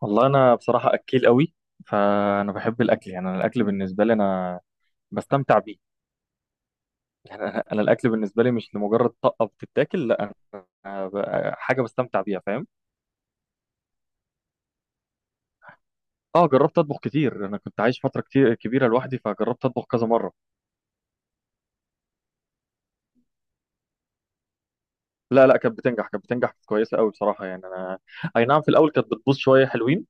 والله انا بصراحه اكيل قوي. فانا بحب الاكل، يعني انا الاكل بالنسبه لي انا بستمتع بيه. يعني انا الاكل بالنسبه لي مش لمجرد طقه بتتاكل، لا. أنا حاجه بستمتع بيها، فاهم؟ اه، جربت اطبخ كتير. انا كنت عايش فتره كتير كبيره لوحدي، فجربت اطبخ كذا مره. لا لا، كانت بتنجح كويسه قوي بصراحه. يعني انا، اي نعم، في الاول كانت بتبوظ شويه حلوين،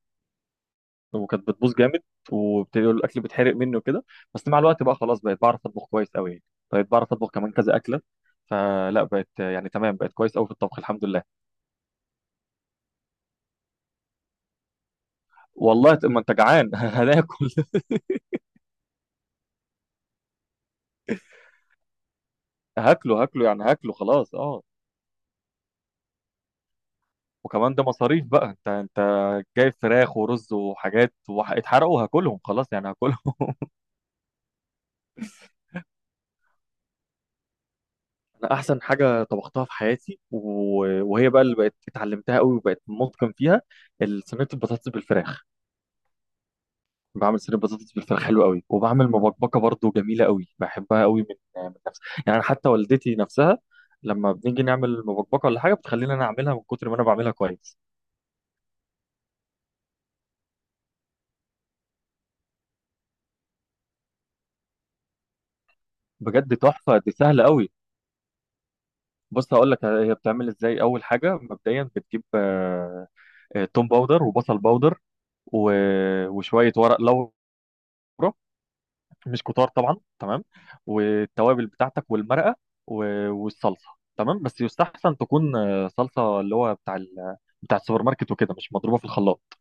وكانت بتبوظ جامد، وبتقول الاكل بيتحرق مني وكده. بس مع الوقت بقى خلاص، بقيت بعرف اطبخ كويس قوي، يعني بقيت بعرف اطبخ كمان كذا اكله. فلا بقت يعني تمام، بقت كويس قوي في الطبخ، الحمد لله. والله طب ما انت جعان هناكل. هاكله هاكله يعني هاكله خلاص، اه. وكمان ده مصاريف بقى، انت جايب فراخ ورز وحاجات واتحرقوا، هاكلهم خلاص يعني، هاكلهم انا احسن حاجه طبختها في حياتي وهي بقى اللي بقت اتعلمتها قوي وبقت متقن فيها، صينيه البطاطس بالفراخ. بعمل صينيه بطاطس بالفراخ حلو قوي، وبعمل مبكبكه برضو جميله قوي، بحبها قوي من نفسي، يعني أنا حتى والدتي نفسها لما بنيجي نعمل مبكبكه ولا حاجه بتخلينا انا اعملها من كتر ما انا بعملها كويس. بجد تحفه، دي سهله قوي. بص، هقول لك هي بتعمل ازاي. اول حاجه مبدئيا بتجيب توم باودر وبصل باودر وشويه ورق لورا، مش كتار طبعا، تمام، والتوابل بتاعتك والمرقه والصلصه. تمام، بس يستحسن تكون صلصه، اللي هو بتاع السوبر ماركت وكده، مش مضروبه في الخلاط.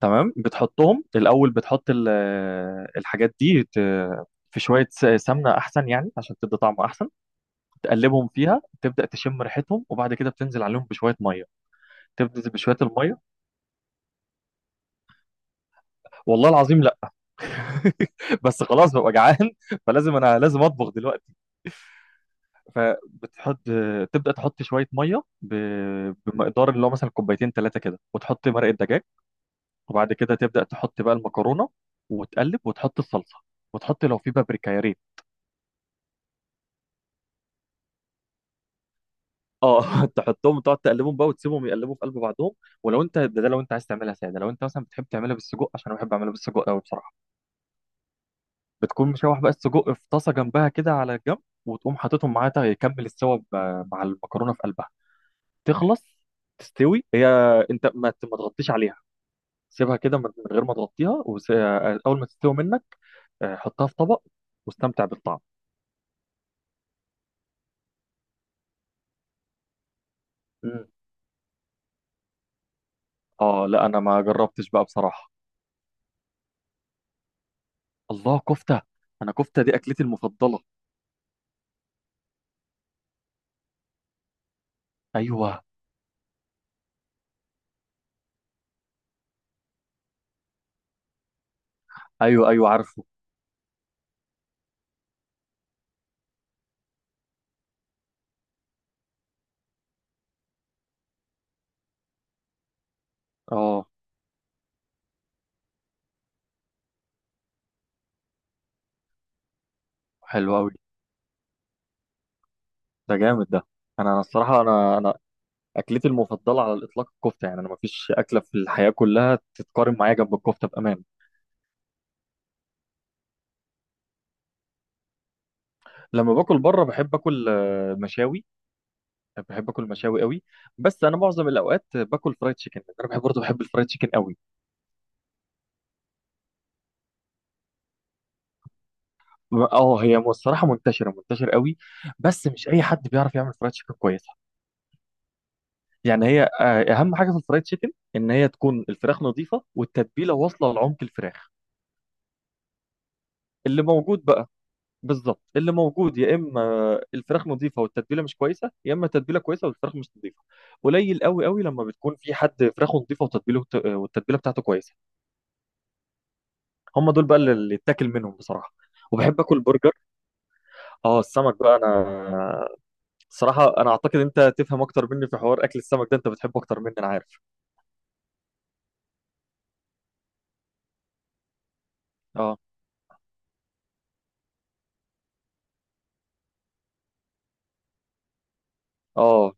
تمام، بتحطهم الاول، بتحط ال... آه، الحاجات دي في شويه سمنه احسن يعني عشان تدي طعم احسن. تقلبهم فيها، تبدا تشم ريحتهم، وبعد كده بتنزل عليهم بشويه ميه. تبدا بشويه الميه. والله العظيم لا بس خلاص ببقى جعان، فلازم انا لازم اطبخ دلوقتي. فبتحط، تبدا تحط شويه ميه بمقدار، اللي هو مثلا كوبايتين ثلاثه كده، وتحط مرقه دجاج. وبعد كده تبدا تحط بقى المكرونه، وتقلب وتحط الصلصه، وتحط لو في بابريكا يا ريت. اه تحطهم، تقعد تقلبهم بقى وتسيبهم يقلبوا في قلب بعضهم. ولو انت ده لو انت عايز تعملها ساده، لو انت مثلا بتحب تعملها بالسجق، عشان انا بحب اعملها بالسجق قوي بصراحه، بتكون مشوح بقى السجق في طاسه جنبها كده على الجنب، وتقوم حاططهم معاها يكمل السوا مع المكرونه في قلبها. تخلص، تستوي هي. انت ما تغطيش عليها، سيبها كده من غير ما تغطيها اول ما تستوي منك، حطها في طبق واستمتع بالطعم. مم. اه لا، انا ما جربتش بقى بصراحة. الله، كفتة. انا كفتة دي اكلتي المفضلة. ايوه ايوه ايوه، عارفه. اه، حلو قوي. ده جامد ده. انا الصراحة انا اكلتي المفضلة على الاطلاق الكفتة. يعني انا ما فيش اكلة في الحياة كلها تتقارن معايا جنب الكفتة بامان. لما باكل بره بحب اكل مشاوي، بحب اكل مشاوي قوي. بس انا معظم الاوقات باكل فرايد تشيكن، انا بحب برضه بحب الفرايد تشيكن قوي. اه، هي الصراحه منتشره منتشره قوي. بس مش اي حد بيعرف يعمل فرايد تشيكن كويسه. يعني هي اهم حاجه في الفرايد تشيكن ان هي تكون الفراخ نظيفه والتتبيله واصله لعمق الفراخ. اللي موجود بقى، بالظبط اللي موجود، يا اما الفراخ نظيفه والتتبيله مش كويسه، يا اما التتبيله كويسه والفراخ مش نظيفه. قليل قوي قوي لما بتكون في حد فراخه نظيفه وتتبيله، والتتبيله بتاعته كويسه. هم دول بقى اللي يتاكل منهم بصراحه. وبحب اكل برجر. اه، السمك بقى انا الصراحه انا اعتقد انت تفهم اكتر مني في حوار اكل السمك ده، انت بتحبه اكتر مني، انا عارف. اه اه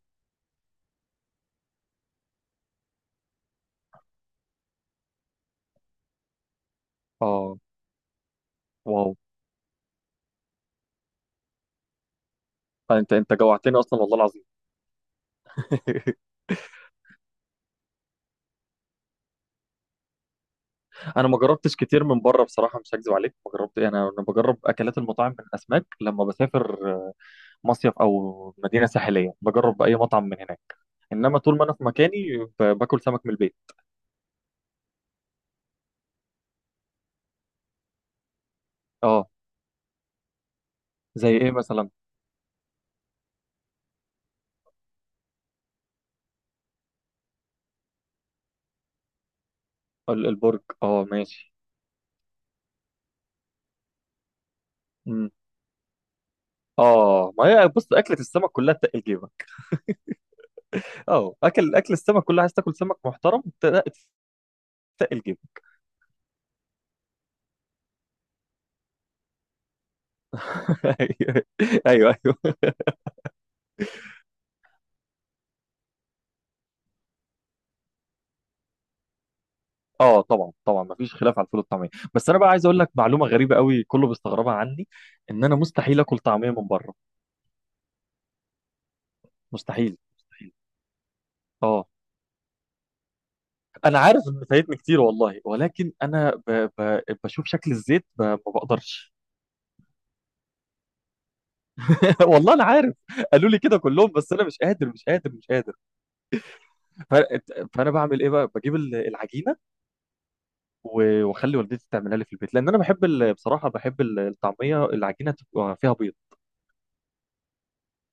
اه، واو، انت جوعتني اصلا والله العظيم انا ما جربتش كتير من بره بصراحه، مش هكذب عليك، ما جربت إيه، انا بجرب اكلات المطاعم من الاسماك لما بسافر، مصيف او مدينه ساحليه، بجرب اي مطعم من هناك. انما طول ما انا في مكاني باكل سمك من البيت. اه، زي ايه مثلا؟ البرج، اه ماشي. اه، ما هي بص، اكله السمك كلها تقل جيبك. اه، اكل السمك كلها، عايز تاكل سمك محترم تقل جيبك ايوه ايوه أيوه. اه طبعا طبعا ما فيش خلاف على الفول والطعميه. بس انا بقى عايز اقول لك معلومه غريبه قوي كله بيستغربها عني، ان انا مستحيل اكل طعميه من بره. مستحيل مستحيل. اه انا عارف ان فايتني كتير والله، ولكن انا بشوف شكل الزيت، ما بقدرش والله انا عارف، قالوا لي كده كلهم، بس انا مش قادر مش قادر مش قادر. ف... فانا بعمل ايه بقى؟ بجيب العجينه واخلي والدتي تعملها لي في البيت، لان انا بحب بصراحه بحب الطعميه العجينه تبقى فيها بيض،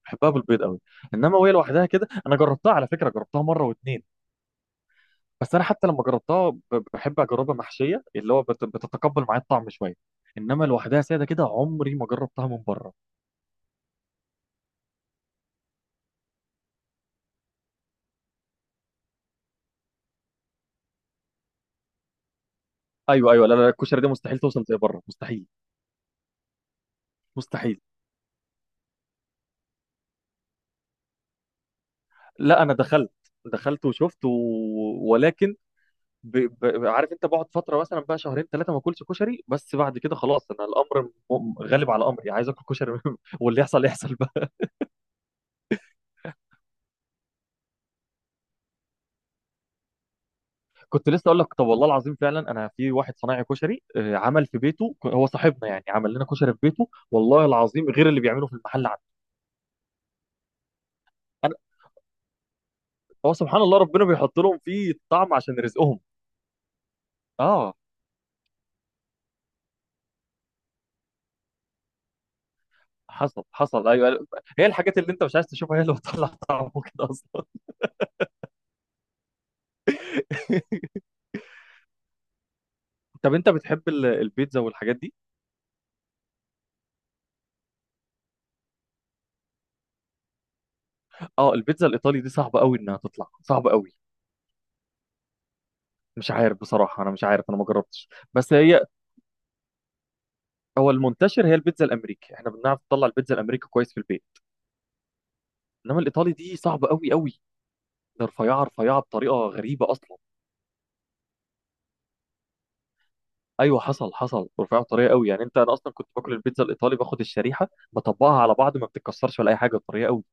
بحبها بالبيض قوي. انما وهي لوحدها كده انا جربتها، على فكره جربتها مره واتنين، بس انا حتى لما جربتها بحب اجربها محشيه، اللي هو بتتقبل معايا الطعم شويه، انما لوحدها ساده كده عمري ما جربتها من بره. ايوه ايوه، لا لا لا، الكشري دي مستحيل توصل زي بره، مستحيل مستحيل. لا، انا دخلت دخلت وشفت ولكن ب... عارف انت، بقعد فتره مثلا بقى شهرين ثلاثه ما اكلش كشري، بس بعد كده خلاص، انا الامر غالب على امري، عايز اكل كشري واللي يحصل يحصل بقى. كنت لسه اقول لك، طب والله العظيم فعلا انا في واحد صنايعي كشري عمل في بيته، هو صاحبنا يعني عمل لنا كشري في بيته، والله العظيم غير اللي بيعمله في المحل عنده. انا هو سبحان الله ربنا بيحط لهم فيه طعم عشان رزقهم. اه، حصل حصل، ايوه. هي الحاجات اللي انت مش عايز تشوفها هي اللي بتطلع طعمه كده اصلا طب انت بتحب البيتزا والحاجات دي؟ اه، البيتزا الايطالي دي صعبه قوي انها تطلع، صعبه قوي. مش عارف بصراحه، انا مش عارف، انا ما جربتش، بس هي هو المنتشر هي البيتزا الامريكي، احنا بنعرف نطلع البيتزا الامريكي كويس في البيت، انما الايطالي دي صعبه قوي قوي. ده رفيعه رفيعه بطريقه غريبه اصلا. ايوه حصل حصل، رفيعه بطريقه قوي يعني، انا اصلا كنت باكل البيتزا الايطالي، باخد الشريحه بطبقها على بعض ما بتتكسرش ولا اي حاجه، بطريقه قوي.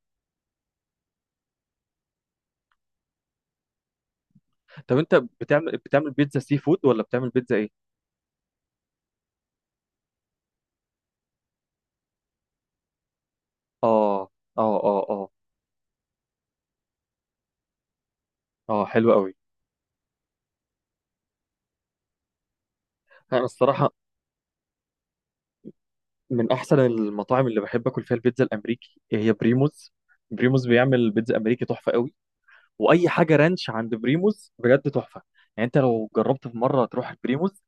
طب انت بتعمل بيتزا سي فود ولا بتعمل بيتزا ايه؟ اه اه اه اه اه، حلو قوي. انا الصراحه من احسن المطاعم اللي بحب اكل فيها البيتزا الامريكي هي بريموز. بريموز بيعمل بيتزا امريكي تحفه قوي، واي حاجه رانش عند بريموز بجد تحفه. يعني انت لو جربت في مره تروح بريموز،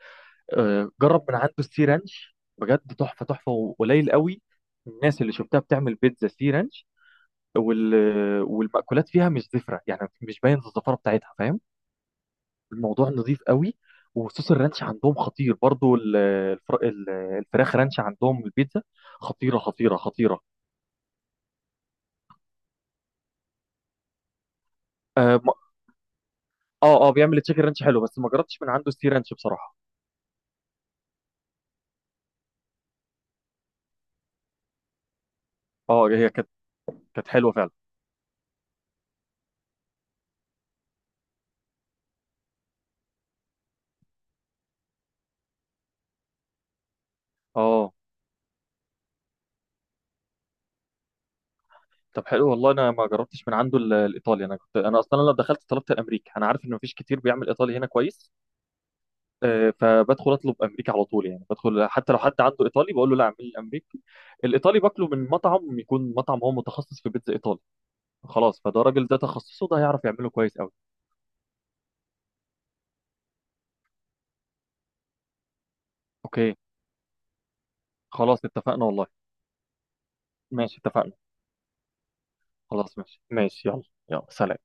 جرب من عنده السي رانش، بجد تحفه تحفه، وقليل قوي الناس اللي شفتها بتعمل بيتزا سي رانش. وال... والمأكولات فيها مش زفره، يعني مش باين الزفاره بتاعتها، فاهم؟ الموضوع نظيف قوي. وصوص الرانش عندهم خطير برضو. الفراخ رانش عندهم، البيتزا خطيره خطيره خطيره. اه اه، بيعمل تشيكن رانش حلو، بس ما جربتش من عنده ستير رانش بصراحه. اه، هي كانت حلوه فعلا. اه، طب حلو، والله انا ما جربتش من عنده الايطالي. انا اصلا لما دخلت طلبت الامريكي، انا عارف ان مفيش كتير بيعمل ايطالي هنا كويس. فبدخل اطلب امريكي على طول، يعني بدخل حتى لو حد عنده ايطالي بقول له لا، اعمل لي الامريكي. الايطالي باكله من مطعم، يكون مطعم هو متخصص في بيتزا ايطالي، خلاص فده راجل ده تخصصه، ده هيعرف يعمله كويس قوي. اوكي، خلاص اتفقنا والله. ماشي اتفقنا، خلاص ماشي ماشي، يلا. يلا سلام.